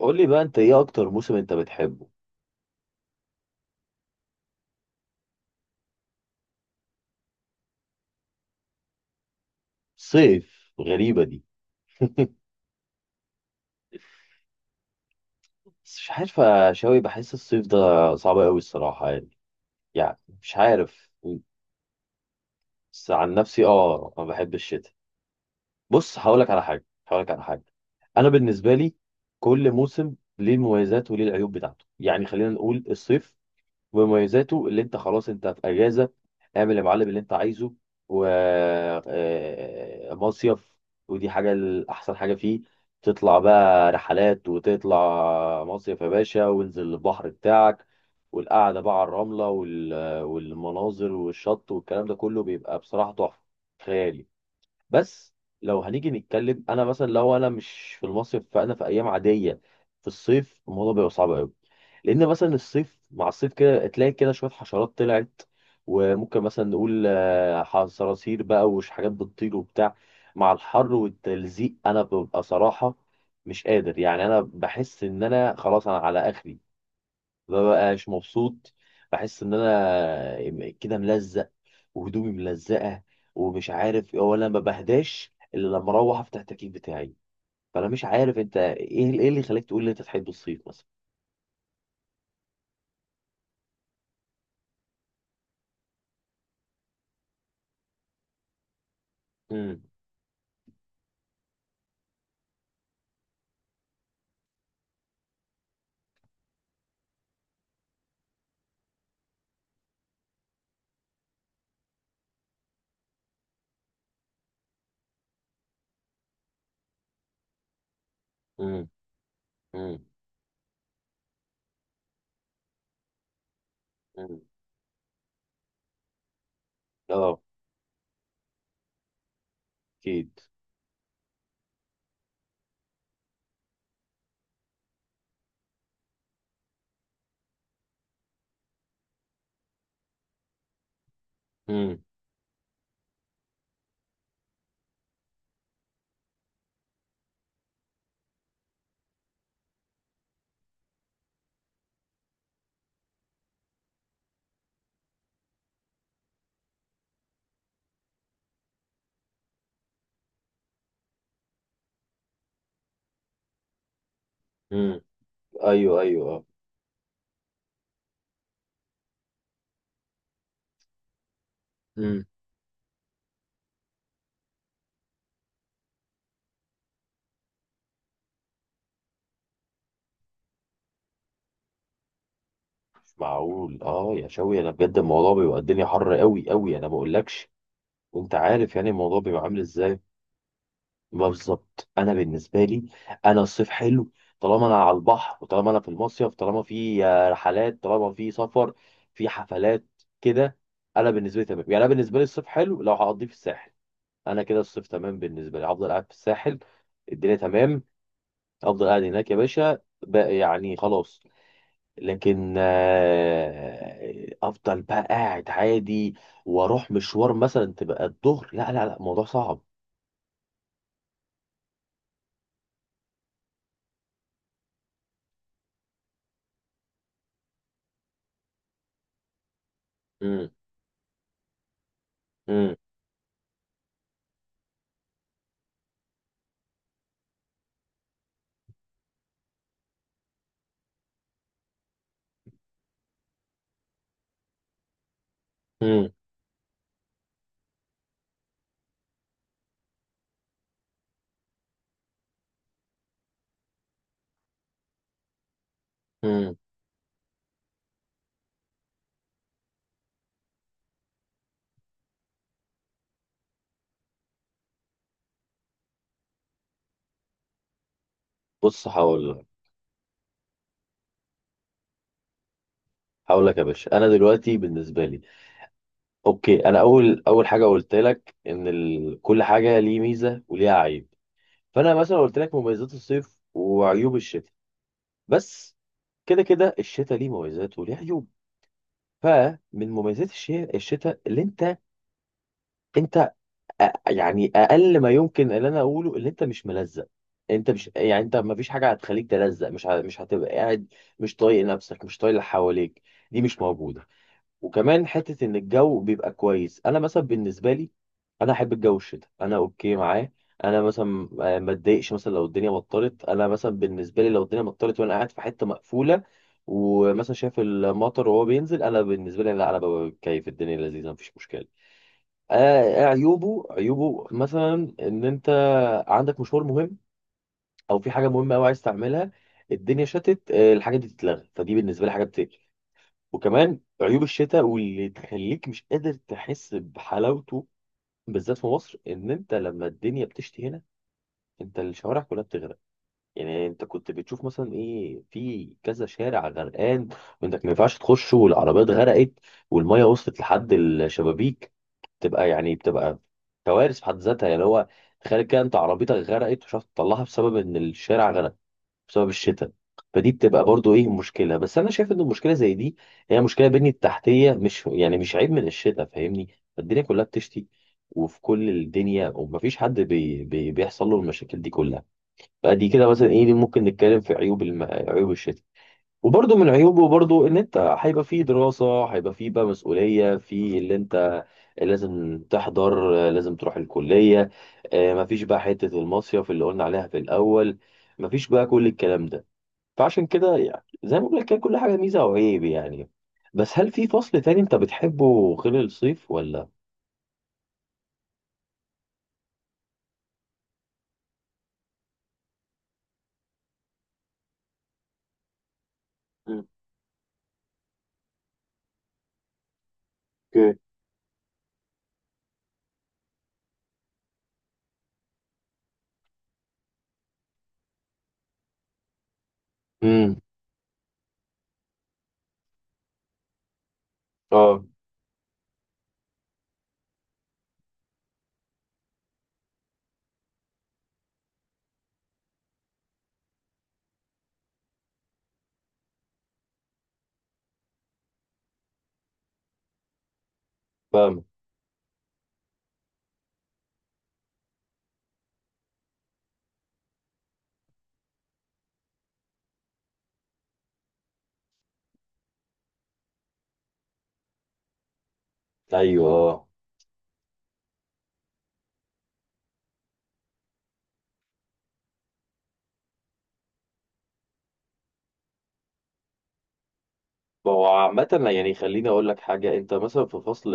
قول لي بقى، انت ايه اكتر موسم انت بتحبه؟ صيف؟ غريبة دي. بس مش عارف يا شاوي، بحس الصيف ده صعب قوي الصراحة يعني مش عارف. بس عن نفسي اه، ما بحب الشتاء. بص، هقولك على حاجة. انا بالنسبة لي كل موسم ليه المميزات وليه العيوب بتاعته. يعني خلينا نقول الصيف ومميزاته، اللي انت خلاص انت في اجازه، اعمل يا معلم اللي انت عايزه، و مصيف. ودي حاجه، الاحسن حاجه فيه تطلع بقى رحلات وتطلع مصيف يا باشا، وانزل البحر بتاعك، والقعده بقى على الرمله والمناظر والشط، والكلام ده كله بيبقى بصراحه تحفه خيالي. بس لو هنيجي نتكلم، انا مثلا لو انا مش في المصيف فانا في ايام عاديه. في الصيف الموضوع بيبقى صعب قوي، لان مثلا الصيف مع الصيف كده تلاقي كده شويه حشرات طلعت، وممكن مثلا نقول صراصير بقى وش حاجات بتطير وبتاع. مع الحر والتلزيق انا ببقى صراحه مش قادر يعني، انا بحس ان انا خلاص، انا على اخري. مببقاش مبسوط. بحس ان انا كده ملزق وهدومي ملزقه، ومش عارف، ولا ما بهداش الا لما اروح افتح التكييف بتاعي. فانا مش عارف انت، ايه اللي خلاك تقول لي انت تحب الصيف مثلا؟ امم. امم. امم. امم. اه، اكيد. امم. امم. ايوه، ايوه، اه. امم. مش معقول اه يا شوي، انا بجد الموضوع بيبقى الدنيا حر قوي قوي، انا ما اقولكش. وانت عارف يعني الموضوع بيبقى عامل ازاي. ما بالظبط، انا بالنسبه لي انا الصيف حلو طالما انا على البحر، وطالما انا في المصيف، طالما في رحلات، طالما في سفر، في حفلات كده. انا بالنسبه لي تمام يعني. انا بالنسبه لي الصيف حلو لو هقضيه في الساحل. انا كده الصيف تمام بالنسبه لي. هفضل قاعد في الساحل الدنيا تمام. افضل قاعد هناك يا باشا بقى، يعني خلاص. لكن افضل بقى قاعد عادي، واروح مشوار مثلا تبقى الظهر، لا لا لا، الموضوع صعب. امم. امم. امم. بص هقول لك يا باشا، انا دلوقتي بالنسبه لي اوكي. انا اول حاجه قلت لك ان كل حاجه ليه ميزه وليها عيب. فانا مثلا قلت لك مميزات الصيف وعيوب الشتاء. بس كده كده الشتاء ليه مميزات وليه عيوب. فمن مميزات الشتاء، اللي انت يعني اقل ما يمكن اللي انا اقوله، اللي انت مش ملزق. انت مش يعني انت ما فيش حاجه هتخليك تلزق، مش هتبقى قاعد مش طايق نفسك مش طايق اللي حواليك. دي مش موجوده. وكمان حته ان الجو بيبقى كويس. انا مثلا بالنسبه لي، انا احب الجو الشتاء، انا اوكي معاه. انا مثلا ما اتضايقش مثلا لو الدنيا مطرت. انا مثلا بالنسبه لي لو الدنيا مطرت وانا قاعد في حته مقفوله ومثلا شايف المطر وهو بينزل، انا بالنسبه لي لا، انا ببقى بتكيف، الدنيا لذيذه مفيش مشكله. آه عيوبه، عيوبه مثلا ان انت عندك مشوار مهم او في حاجه مهمه قوي عايز تعملها، الدنيا شتت، الحاجه دي تتلغى، فدي بالنسبه لي حاجه بتقفل. وكمان عيوب الشتاء، واللي تخليك مش قادر تحس بحلاوته بالذات في مصر، ان انت لما الدنيا بتشتي هنا انت الشوارع كلها بتغرق. يعني انت كنت بتشوف مثلا ايه في كذا شارع غرقان، وانك ما ينفعش تخش، والعربيات غرقت، والميه وصلت لحد الشبابيك. تبقى يعني بتبقى كوارث في حد ذاتها يعني. هو تخيل كده انت عربيتك غرقت ومش عارف تطلعها بسبب ان الشارع غرق، بسبب الشتاء. فدي بتبقى برضو ايه مشكله، بس انا شايف ان المشكله زي دي هي مشكله بنية تحتيه، مش يعني مش عيب من الشتاء فاهمني. الدنيا كلها بتشتي وفي كل الدنيا، ومفيش حد بي بي بيحصل له المشاكل دي كلها. فدي كده مثلا ايه، دي ممكن نتكلم في عيوب الشتاء. وبرضه من عيوبه برضه ان انت هيبقى فيه دراسه، هيبقى فيه بقى مسؤوليه في اللي انت لازم تحضر، لازم تروح الكليه، مفيش بقى حته المصيف اللي قلنا عليها في الاول، مفيش بقى كل الكلام ده. فعشان كده يعني زي ما بقول لك كده كل حاجة ميزة وعيب يعني. بس هل في فصل تاني انت بتحبه غير الصيف ولا؟ اوكي. امم. اه. فاهم. ايوه، اه. ما هو عامة، يعني خليني اقول لك حاجة. انت مثلا في فصل،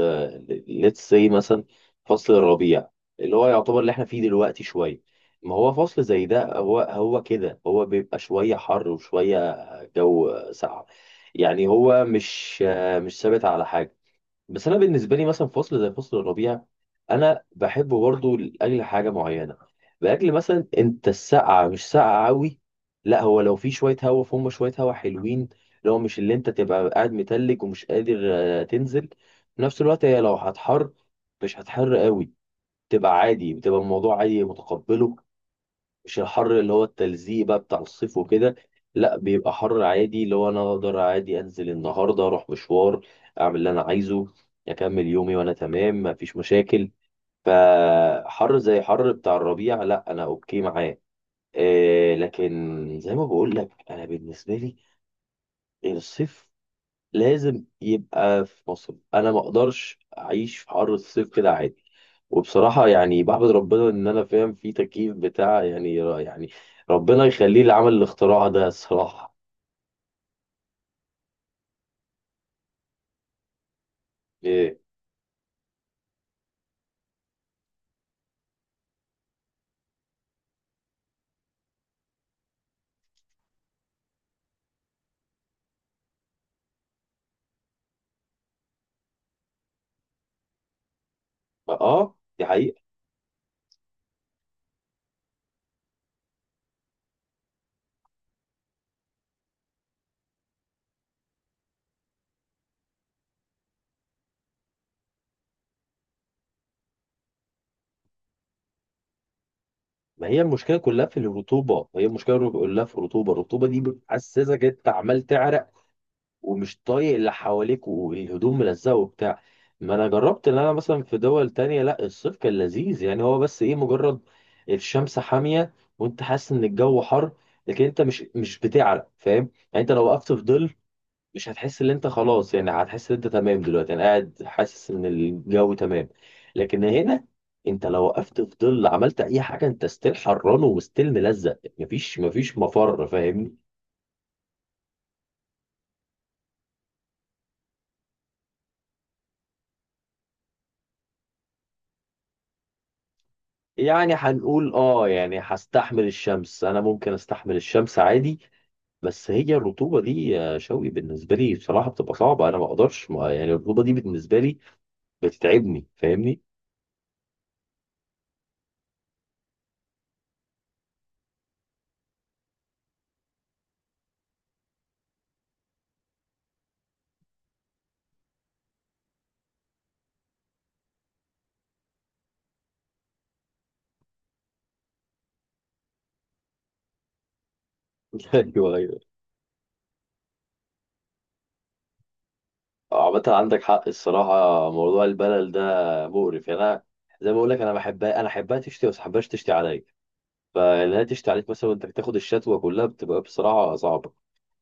ليتس سي مثلا، فصل الربيع اللي هو يعتبر اللي احنا فيه دلوقتي شوية. ما هو فصل زي ده، هو كده هو بيبقى شوية حر وشوية جو ساقع. يعني هو مش ثابت على حاجة. بس انا بالنسبه لي مثلا فصل زي فصل الربيع، انا بحبه برضه لاجل حاجه معينه. لاجل مثلا انت السقعه مش ساقعه قوي، لا هو لو في شويه هوا، فهم شويه هوا حلوين، لو مش اللي انت تبقى قاعد متلج ومش قادر تنزل. في نفس الوقت هي لو هتحر مش هتحر قوي، تبقى عادي، بتبقى الموضوع عادي متقبله، مش الحر اللي هو التلزيق بقى بتاع الصيف وكده. لا بيبقى حر عادي، اللي هو انا اقدر عادي انزل النهارده، اروح مشوار، اعمل اللي انا عايزه، اكمل يومي وانا تمام مفيش مشاكل. فحر زي حر بتاع الربيع، لا انا اوكي معاه. إيه، لكن زي ما بقول لك انا بالنسبه لي، الصيف لازم يبقى في مصر. انا ما اقدرش اعيش في حر الصيف كده عادي. وبصراحه يعني بحمد ربنا ان انا فاهم في تكييف بتاع يعني، يعني، ربنا يخليه اللي عمل الاختراع ده الصراحه. إيه. اه دي حقيقه. ما هي المشكله كلها في الرطوبه، هي المشكله كلها في الرطوبه، الرطوبه دي بتحسسك انت عمال تعرق، ومش طايق اللي حواليك، والهدوم ملزقه وبتاع. ما انا جربت ان انا مثلا في دول تانية، لا الصيف كان لذيذ، يعني هو بس ايه، مجرد الشمس حامية وانت حاسس ان الجو حر، لكن انت مش بتعرق فاهم. يعني انت لو وقفت في ظل مش هتحس ان انت خلاص، يعني هتحس ان انت تمام، دلوقتي انا قاعد حاسس ان الجو تمام. لكن هنا انت لو وقفت في ظل عملت اي حاجه، انت ستيل حران وستيل ملزق، مفيش مفر فاهمني. يعني هنقول اه، يعني هستحمل الشمس، انا ممكن استحمل الشمس عادي. بس هي الرطوبه دي يا شوقي بالنسبه لي بصراحه بتبقى صعبه، انا ما اقدرش، ما يعني الرطوبه دي بالنسبه لي بتتعبني فاهمني. ايوه، ايوه. عامه عندك حق الصراحه. موضوع البلل ده مقرف يعني، انا زي ما بقول لك انا بحبها، انا احبها تشتي، بس ما احبهاش تشتي عليا. فانها تشتي عليك مثلا، وانت تاخد الشتوه كلها، بتبقى بصراحه صعبه.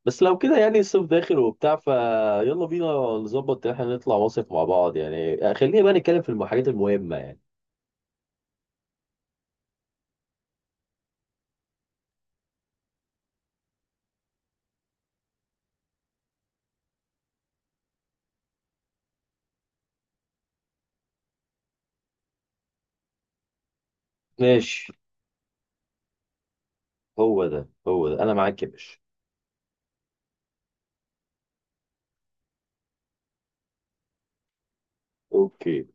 بس لو كده يعني الصيف داخل وبتاع، فيلا بينا نظبط ان احنا نطلع مصيف مع بعض. يعني خلينا بقى نتكلم في الحاجات المهمة يعني. ماشي. هو ده، هو ده، انا معاك يا باشا. اوكي.